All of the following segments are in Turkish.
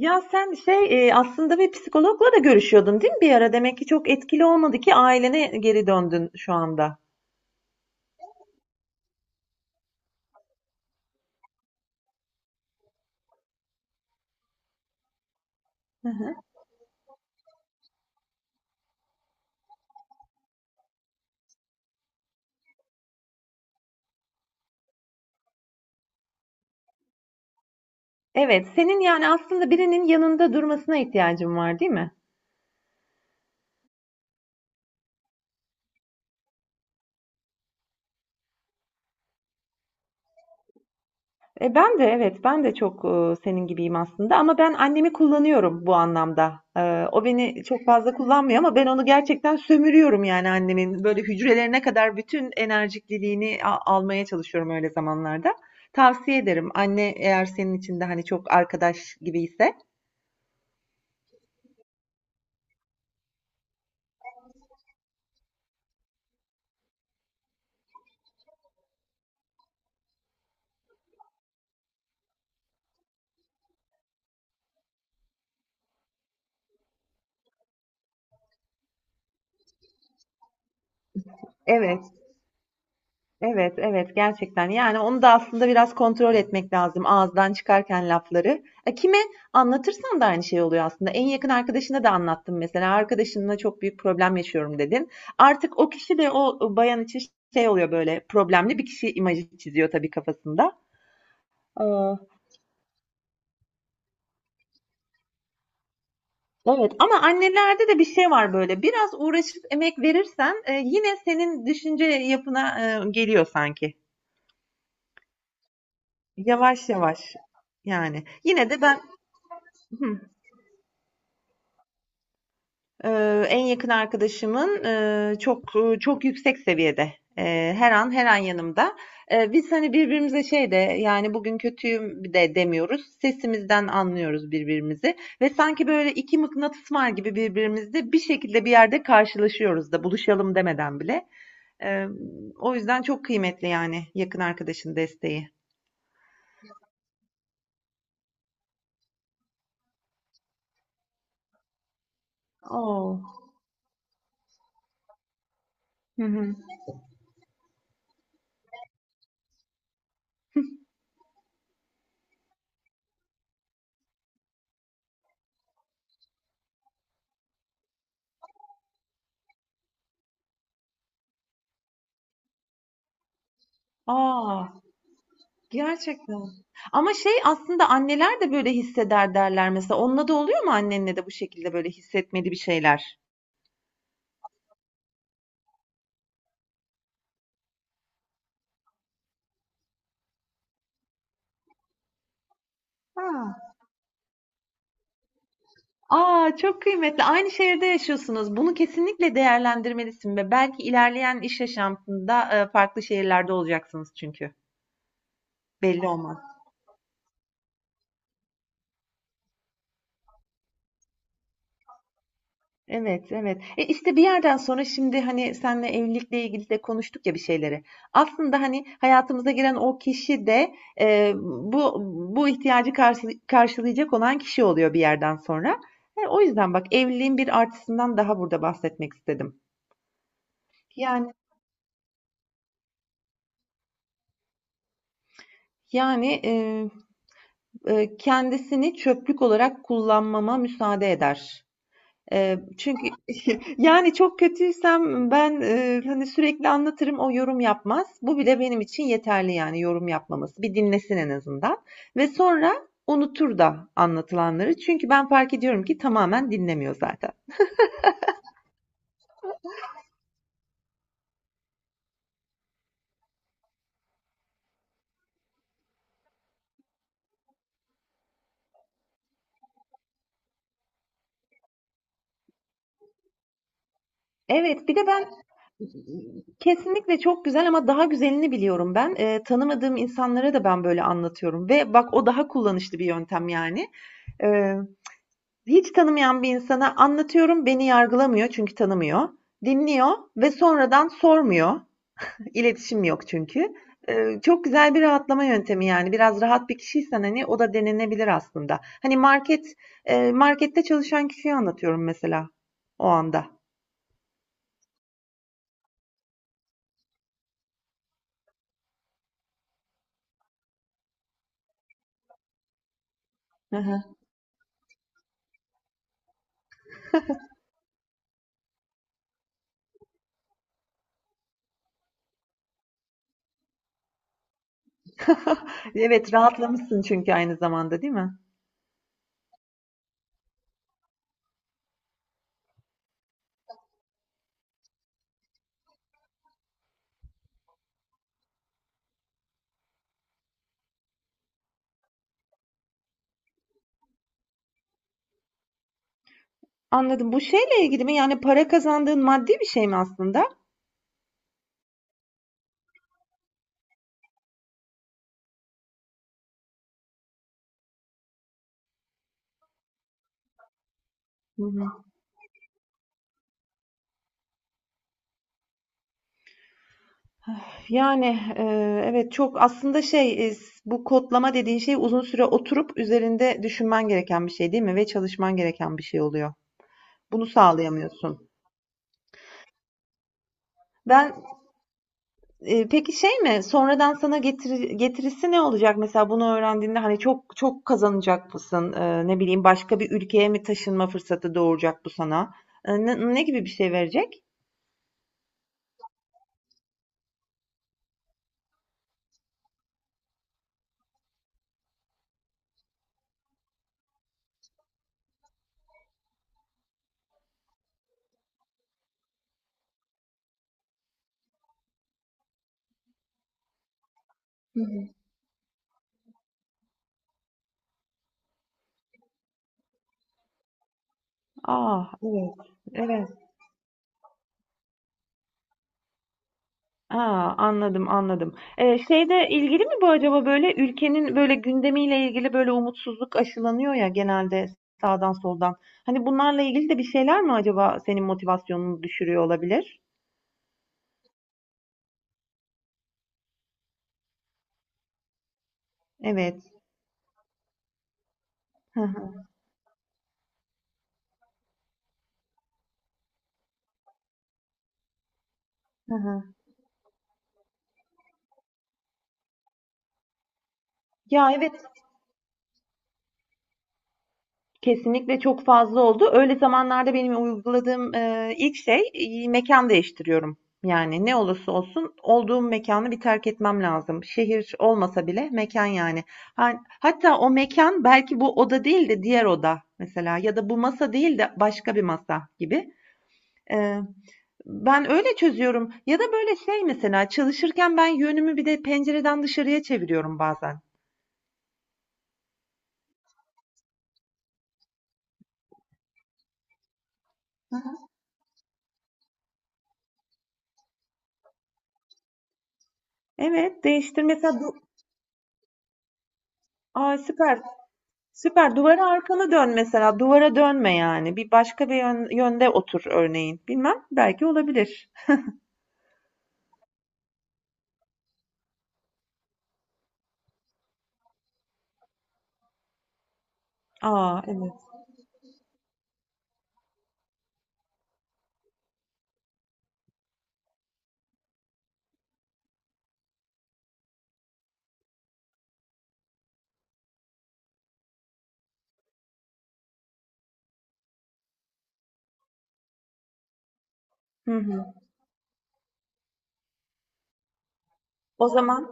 Ya sen aslında bir psikologla da görüşüyordun değil mi bir ara? Demek ki çok etkili olmadı ki ailene geri döndün şu anda. Hı hı. Evet, senin yani aslında birinin yanında durmasına ihtiyacın var, değil mi? Ben de evet, ben de çok senin gibiyim aslında ama ben annemi kullanıyorum bu anlamda. E, o beni çok fazla kullanmıyor ama ben onu gerçekten sömürüyorum yani annemin böyle hücrelerine kadar bütün enerjikliliğini almaya çalışıyorum öyle zamanlarda. Tavsiye ederim anne eğer senin için de hani çok arkadaş gibi ise. Evet. Evet, evet gerçekten. Yani onu da aslında biraz kontrol etmek lazım ağızdan çıkarken lafları. E, kime anlatırsan da aynı şey oluyor aslında. En yakın arkadaşına da anlattım mesela. Arkadaşınla çok büyük problem yaşıyorum dedin. Artık o kişi de o bayan için şey oluyor böyle problemli bir kişi imajı çiziyor tabii kafasında. Ee, Evet ama annelerde de bir şey var böyle. Biraz uğraşıp emek verirsen yine senin düşünce yapına geliyor sanki. Yavaş yavaş yani. Yine de ben... Hı. En yakın arkadaşımın çok çok yüksek seviyede. Her an her an yanımda. Biz hani birbirimize şey de yani bugün kötüyüm de demiyoruz. Sesimizden anlıyoruz birbirimizi ve sanki böyle iki mıknatıs var gibi birbirimizde bir şekilde bir yerde karşılaşıyoruz da buluşalım demeden bile. Eee, O yüzden çok kıymetli yani yakın arkadaşın desteği. Oo. Hı hı. Aa. Gerçekten. Ama şey aslında anneler de böyle hisseder derler mesela. Onunla da oluyor mu annenle de bu şekilde böyle hissetmeli bir şeyler? Ha. Aa çok kıymetli. Aynı şehirde yaşıyorsunuz. Bunu kesinlikle değerlendirmelisin ve belki ilerleyen iş yaşantında farklı şehirlerde olacaksınız çünkü. Belli olmaz. Evet, evet. E işte bir yerden sonra şimdi hani senle evlilikle ilgili de konuştuk ya bir şeyleri. Aslında hani hayatımıza giren o kişi de e, bu bu karşılayacak olan kişi oluyor bir yerden sonra. E, o yüzden bak evliliğin bir artısından daha burada bahsetmek istedim. Yani yani kendisini çöplük olarak kullanmama müsaade eder. Çünkü yani çok kötüysem ben, hani, sürekli anlatırım, o yorum yapmaz. Bu bile benim için yeterli yani yorum yapmaması. Bir dinlesin en azından ve sonra unutur da anlatılanları. Çünkü ben fark ediyorum ki tamamen dinlemiyor zaten. Evet, bir de ben kesinlikle çok güzel ama daha güzelini biliyorum ben. Tanımadığım insanlara da ben böyle anlatıyorum ve bak o daha kullanışlı bir yöntem yani. Hiç tanımayan bir insana anlatıyorum, beni yargılamıyor çünkü tanımıyor. Dinliyor ve sonradan sormuyor. İletişim yok çünkü. Çok güzel bir rahatlama yöntemi yani. Biraz rahat bir kişiysen hani o da denenebilir aslında. Hani markette çalışan kişiyi anlatıyorum mesela o anda. Hı hı. Evet, rahatlamışsın çünkü aynı zamanda değil mi? Anladım. Bu şeyle ilgili mi? Yani para kazandığın maddi bir şey mi aslında? Hı hı. Evet, çok aslında şey, iss bu kodlama dediğin şey uzun süre oturup üzerinde düşünmen gereken bir şey değil mi ve çalışman gereken bir şey oluyor. Bunu sağlayamıyorsun. Ben, peki şey mi, sonradan sana getirisi ne olacak mesela bunu öğrendiğinde? Hani çok çok kazanacak mısın? Ne bileyim başka bir ülkeye mi taşınma fırsatı doğuracak bu sana? Ne gibi bir şey verecek? A! Evet, evet. Aa, anladım anladım. Şeyde ilgili mi bu acaba böyle ülkenin böyle gündemiyle ilgili böyle umutsuzluk aşılanıyor ya genelde sağdan soldan. Hani bunlarla ilgili de bir şeyler mi acaba senin motivasyonunu düşürüyor olabilir? Evet. Hı hı, hı hı. Ya evet kesinlikle çok fazla oldu. Öyle zamanlarda benim uyguladığım, ilk şey, mekân değiştiriyorum. Yani ne olursa olsun olduğum mekânı bir terk etmem lazım. Şehir olmasa bile mekan yani. Han hatta o mekan belki bu oda değil de diğer oda mesela ya da bu masa değil de başka bir masa gibi. Eee, Ben öyle çözüyorum ya da böyle şey mesela çalışırken ben yönümü bir de pencereden dışarıya çeviriyorum bazen. Evet, değiştir mesela bu. A, süper. Süper. Duvara arkanı dön mesela. Duvara dönme yani. Bir başka bir yönde otur örneğin. Bilmem. Belki olabilir. Aa evet. Hı hı. O zaman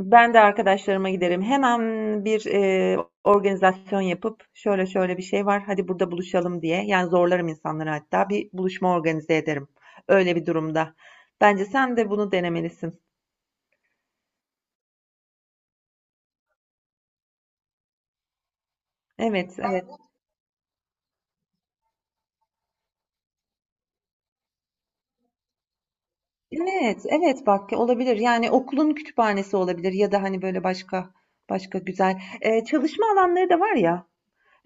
ben de arkadaşlarıma giderim. Hemen bir organizasyon yapıp şöyle şöyle bir şey var. Hadi burada buluşalım diye. Yani zorlarım insanları hatta. Bir buluşma organize ederim. Öyle bir durumda. Bence sen de bunu denemelisin. Evet, evet. Evet, evet bak olabilir. Yani okulun kütüphanesi olabilir ya da hani böyle başka başka güzel çalışma alanları da var ya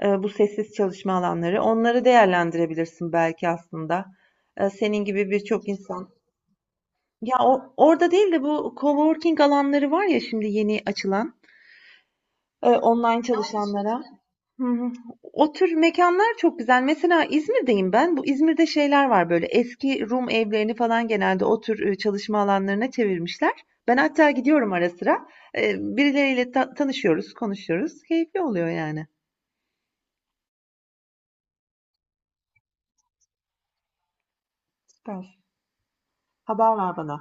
bu sessiz çalışma alanları. Onları değerlendirebilirsin belki aslında. Senin gibi birçok insan. Ya orada değil de bu coworking alanları var ya şimdi yeni açılan online çalışanlara. Hı hı. O tür mekanlar çok güzel. Mesela İzmir'deyim ben. Bu İzmir'de şeyler var böyle eski Rum evlerini falan genelde o tür çalışma alanlarına çevirmişler. Ben hatta gidiyorum ara sıra. Birileriyle tanışıyoruz, konuşuyoruz. Keyifli oluyor yani. Süper. Haber ver bana.